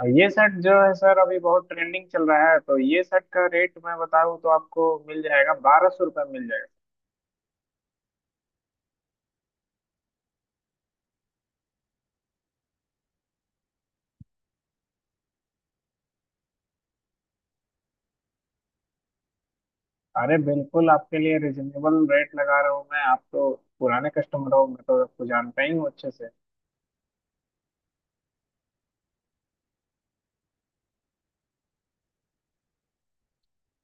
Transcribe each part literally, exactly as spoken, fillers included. और ये शर्ट जो है सर, अभी बहुत ट्रेंडिंग चल रहा है। तो ये शर्ट का रेट मैं बताऊँ तो आपको मिल जाएगा, बारह सौ रुपये मिल जाएगा। अरे बिल्कुल आपके लिए रिजनेबल रेट लगा रहा हूँ मैं। आप तो पुराने कस्टमर हो, मैं तो आपको जानता ही हूँ अच्छे से।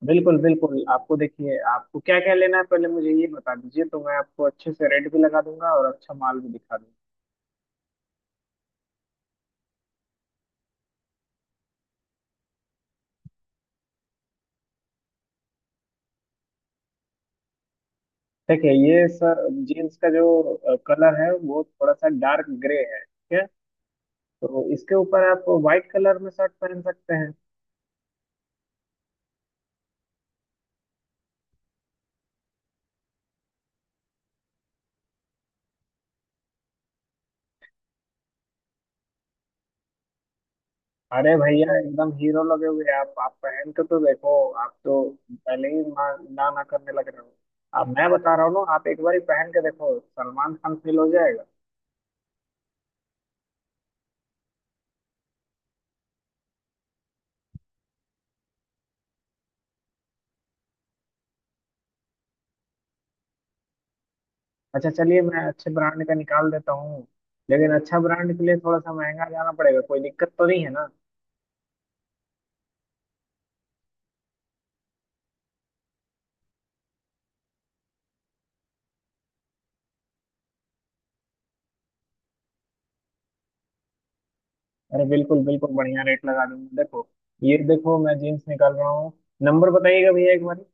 बिल्कुल बिल्कुल, आपको देखिए, आपको क्या क्या लेना है पहले मुझे ये बता दीजिए, तो मैं आपको अच्छे से रेट भी लगा दूंगा और अच्छा माल भी दिखा दूंगा। देखिए ये सर जीन्स का जो कलर है वो थोड़ा सा डार्क ग्रे है, ठीक है? तो इसके ऊपर आप व्हाइट कलर में शर्ट पहन सकते हैं। अरे भैया एकदम हीरो लगे हुए आप आप पहन के तो देखो। आप तो पहले ही ना ना ना करने लग रहे हो। अब मैं बता रहा हूँ ना, आप एक बार ही पहन के देखो, सलमान खान फील हो जाएगा। अच्छा चलिए, मैं अच्छे ब्रांड का निकाल देता हूँ। लेकिन अच्छा ब्रांड के लिए थोड़ा सा महंगा जाना पड़ेगा, कोई दिक्कत तो नहीं है ना? अरे बिल्कुल बिल्कुल, बढ़िया रेट लगा दूंगा, देखो। ये देखो, मैं जीन्स निकाल रहा हूँ। नंबर बताइएगा भैया एक बार।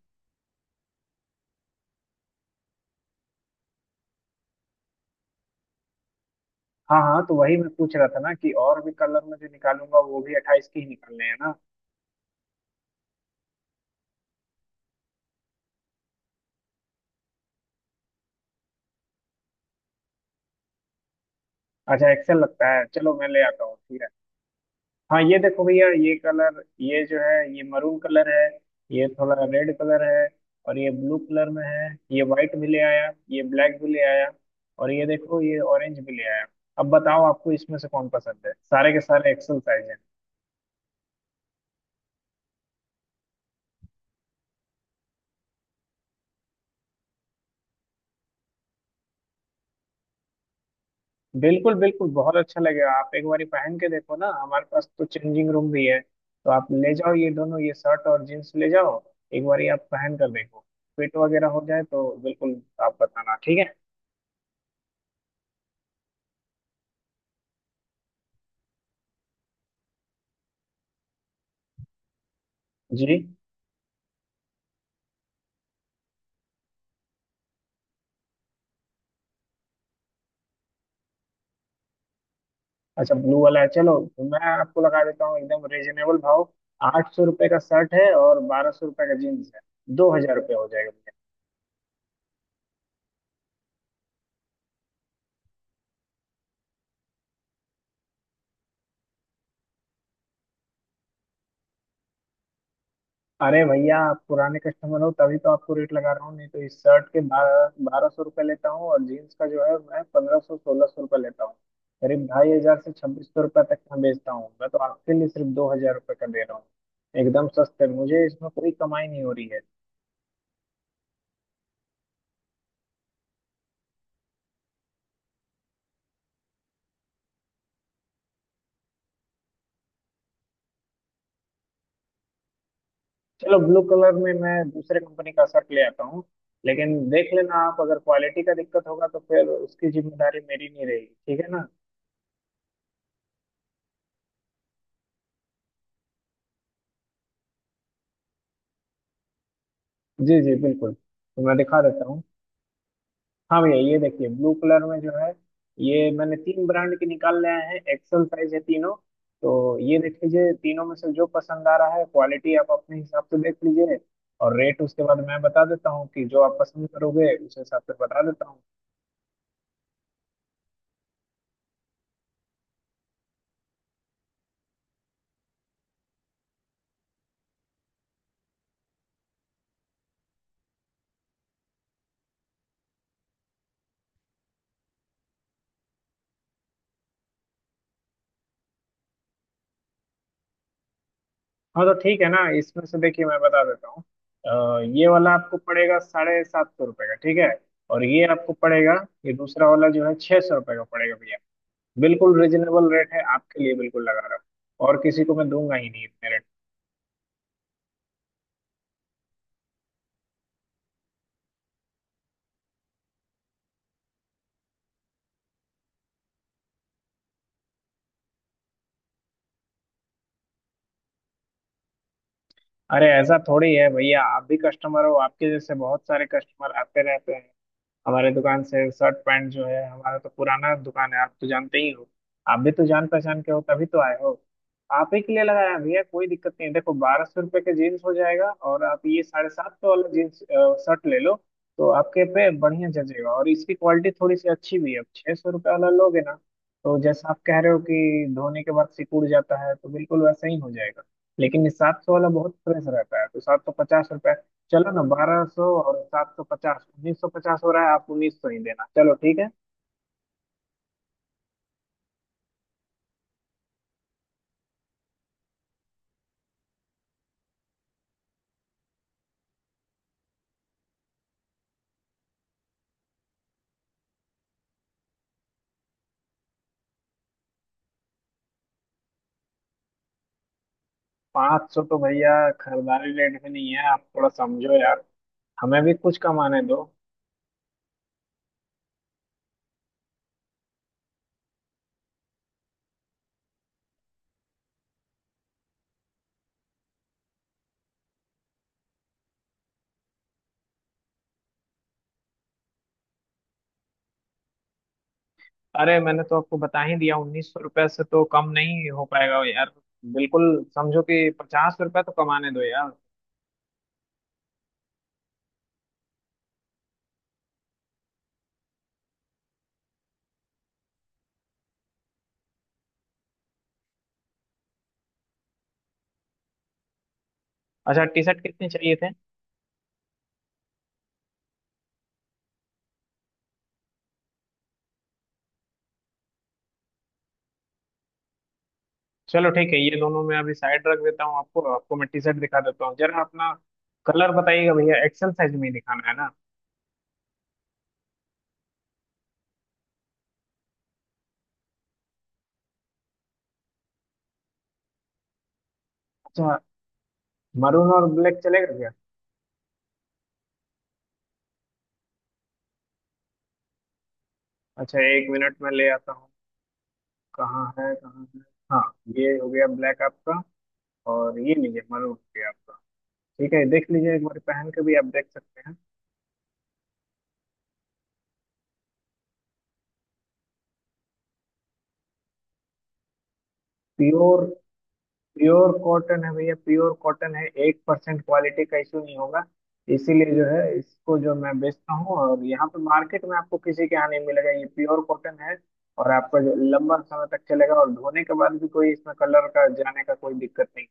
हाँ हाँ, तो वही मैं पूछ रहा था ना कि और भी कलर में जो निकालूंगा वो भी अट्ठाईस के ही निकालने हैं ना? अच्छा एक्सेल लगता है, चलो मैं ले आता हूँ, ठीक है। हाँ ये देखो भैया, ये कलर, ये जो है ये मरून कलर है। ये थोड़ा रेड कलर है। और ये ब्लू कलर में है। ये वाइट भी ले आया, ये ब्लैक भी ले आया। और ये देखो ये ऑरेंज भी ले आया। अब बताओ आपको इसमें से कौन पसंद है, सारे के सारे एक्सेल साइज। बिल्कुल बिल्कुल, बहुत अच्छा लगेगा, आप एक बार पहन के देखो ना। हमारे पास तो चेंजिंग रूम भी है, तो आप ले जाओ, ये दोनों, ये शर्ट और जीन्स ले जाओ। एक बार आप पहन कर देखो। फिट वगैरह हो जाए तो बिल्कुल आप बताना, ठीक है। जी। अच्छा ब्लू वाला है, चलो तो मैं आपको लगा देता हूँ एकदम रीजनेबल भाव। आठ सौ रुपये का शर्ट है और बारह सौ रुपये का जीन्स है, दो हजार रुपये हो जाएगा। अरे भैया, आप पुराने कस्टमर हो तभी तो आपको रेट लगा रहा हूँ, नहीं तो इस शर्ट के बारह बारह सौ रुपये लेता हूँ और जीन्स का जो है मैं पंद्रह सौ, सोलह सौ रुपये लेता हूँ। करीब ढाई हजार से छब्बीस सौ रुपये तक मैं बेचता हूँ, मैं तो आपके लिए सिर्फ दो हजार रुपये का दे रहा हूँ एकदम सस्ते। मुझे इसमें कोई कमाई नहीं हो रही है। चलो, ब्लू कलर में मैं दूसरे कंपनी का शर्ट ले आता हूँ। लेकिन देख लेना आप, अगर क्वालिटी का दिक्कत होगा तो फिर उसकी जिम्मेदारी मेरी नहीं रहेगी, ठीक है ना? जी जी बिल्कुल, तो मैं दिखा देता हूँ। हाँ भैया ये देखिए, ब्लू कलर में जो है, ये मैंने तीन ब्रांड के निकाल लाए हैं, एक्सेल साइज है तीनों। तो ये देख लीजिए, तीनों में से जो पसंद आ रहा है, क्वालिटी आप अपने हिसाब से देख लीजिए, और रेट उसके बाद मैं बता देता हूँ कि जो आप पसंद करोगे उस हिसाब से बता देता हूँ। हाँ तो ठीक है ना, इसमें से देखिए मैं बता देता हूँ। अ, ये वाला आपको पड़ेगा साढ़े सात सौ रुपये का, ठीक है। और ये आपको पड़ेगा, ये दूसरा वाला जो है, छह सौ रुपये का पड़ेगा भैया। बिल्कुल रिजनेबल रेट है आपके लिए, बिल्कुल लगा रहा हूँ। और किसी को मैं दूंगा ही नहीं इतने। अरे ऐसा थोड़ी है भैया, आप भी कस्टमर हो, आपके जैसे बहुत सारे कस्टमर आते रहते हैं। हमारे दुकान से शर्ट पैंट जो है, हमारा तो पुराना दुकान है, आप तो जानते ही हो। आप भी तो जान पहचान के हो तभी तो आए हो। आप ही के लिए लगाया हैं भैया, कोई दिक्कत नहीं है। देखो, बारह सौ रुपये का जीन्स हो जाएगा और आप ये साढ़े सात सौ वाला जीन्स शर्ट ले लो, तो आपके पे बढ़िया जचेगा और इसकी क्वालिटी थोड़ी सी अच्छी भी है। अब छः सौ रुपये वाला लोगे ना, तो जैसा आप कह रहे हो कि धोने के बाद सिकुड़ जाता है तो बिल्कुल वैसा ही हो जाएगा। लेकिन ये सात सौ वाला बहुत फ्रेश रहता है, तो सात सौ पचास रुपये। चलो ना, बारह सौ और सात सौ पचास उन्नीस सौ पचास हो रहा है, आप उन्नीस सौ ही देना, चलो ठीक है। पाँच सौ तो भैया खरीदारी रेट में नहीं है, आप थोड़ा समझो यार, हमें भी कुछ कमाने दो। अरे मैंने तो आपको बता ही दिया, उन्नीस सौ रुपये से तो कम नहीं हो पाएगा यार। बिल्कुल समझो कि पचास रुपये तो कमाने दो यार। अच्छा, टी शर्ट कितने चाहिए थे? चलो ठीक है, ये दोनों मैं अभी साइड रख देता हूँ, आपको आपको मैं टी शर्ट दिखा देता हूँ जरा। अपना कलर बताइएगा भैया, एक्सेल साइज में ही दिखाना है ना? अच्छा, मरून और ब्लैक चलेगा क्या? अच्छा एक मिनट में ले आता हूँ। कहाँ है, कहाँ है? हाँ, ये हो गया ब्लैक आपका। और ये लीजिए, मरून हो गया आपका। ठीक है, देख लीजिए, एक बार पहन के भी आप देख सकते हैं। प्योर, प्योर कॉटन है भैया, प्योर कॉटन है, एक परसेंट क्वालिटी का इशू नहीं होगा। इसीलिए जो है इसको जो मैं बेचता हूँ, और यहाँ पे मार्केट में आपको किसी के यहाँ नहीं मिलेगा, ये प्योर कॉटन है। और आपका जो लंबा समय तक चलेगा, और धोने के बाद भी कोई इसमें कलर का जाने का कोई दिक्कत नहीं।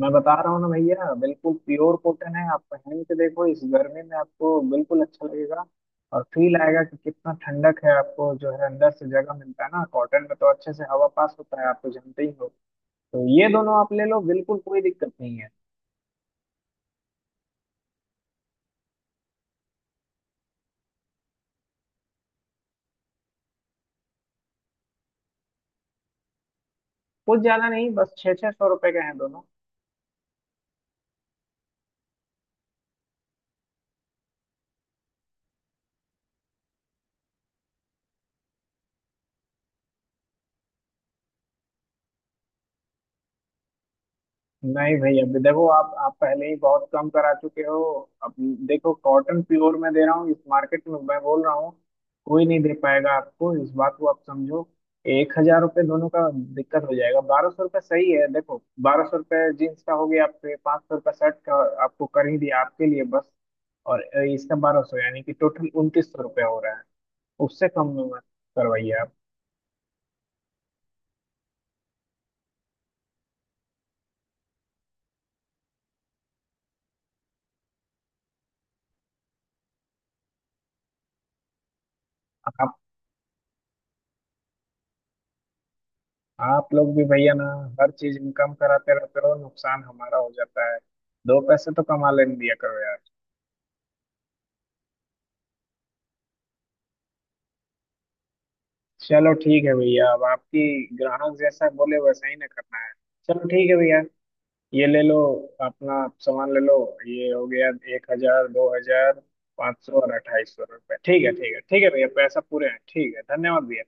मैं बता रहा हूँ ना भैया, बिल्कुल प्योर कॉटन है, आप पहन के देखो, इस गर्मी में आपको बिल्कुल अच्छा लगेगा। और फील आएगा कि कितना ठंडक है, आपको जो है अंदर से जगह मिलता है ना, कॉटन में तो अच्छे से हवा पास होता है, आप तो जानते ही हो। तो ये दोनों आप ले लो, बिल्कुल कोई दिक्कत नहीं है। कुछ ज्यादा नहीं, बस छः छः सौ रुपए के हैं दोनों। नहीं भाई, अभी देखो, आप आप पहले ही बहुत कम करा चुके हो। अब देखो, कॉटन प्योर में दे रहा हूँ, इस मार्केट में मैं बोल रहा हूँ कोई नहीं दे पाएगा आपको, इस बात को आप समझो। एक हजार रुपये दोनों का दिक्कत हो जाएगा, बारह सौ रुपये सही है, देखो। बारह सौ रुपये जीन्स का हो गया आपके, पाँच सौ रुपये शर्ट का आपको कर ही दिया आपके लिए, बस। और अ, इसका बारह सौ, यानी कि टोटल उनतीस सौ रुपये हो रहा है, उससे कम में मत करवाइए आप आप लोग भी भैया ना, हर चीज इनकम कराते रहते हो, नुकसान हमारा हो जाता है। दो पैसे तो कमा लेने दिया करो यार। चलो ठीक है भैया, अब आपकी, ग्राहक जैसा बोले वैसा ही ना करना है। चलो ठीक है भैया, ये ले लो, अपना सामान ले लो। ये हो गया, एक हजार, दो हजार, पाँच सौ और अट्ठाईस सौ रुपये। ठीक है ठीक है ठीक है भैया, पैसा पूरे हैं, ठीक है, धन्यवाद भैया।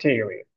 ठीक है भैया।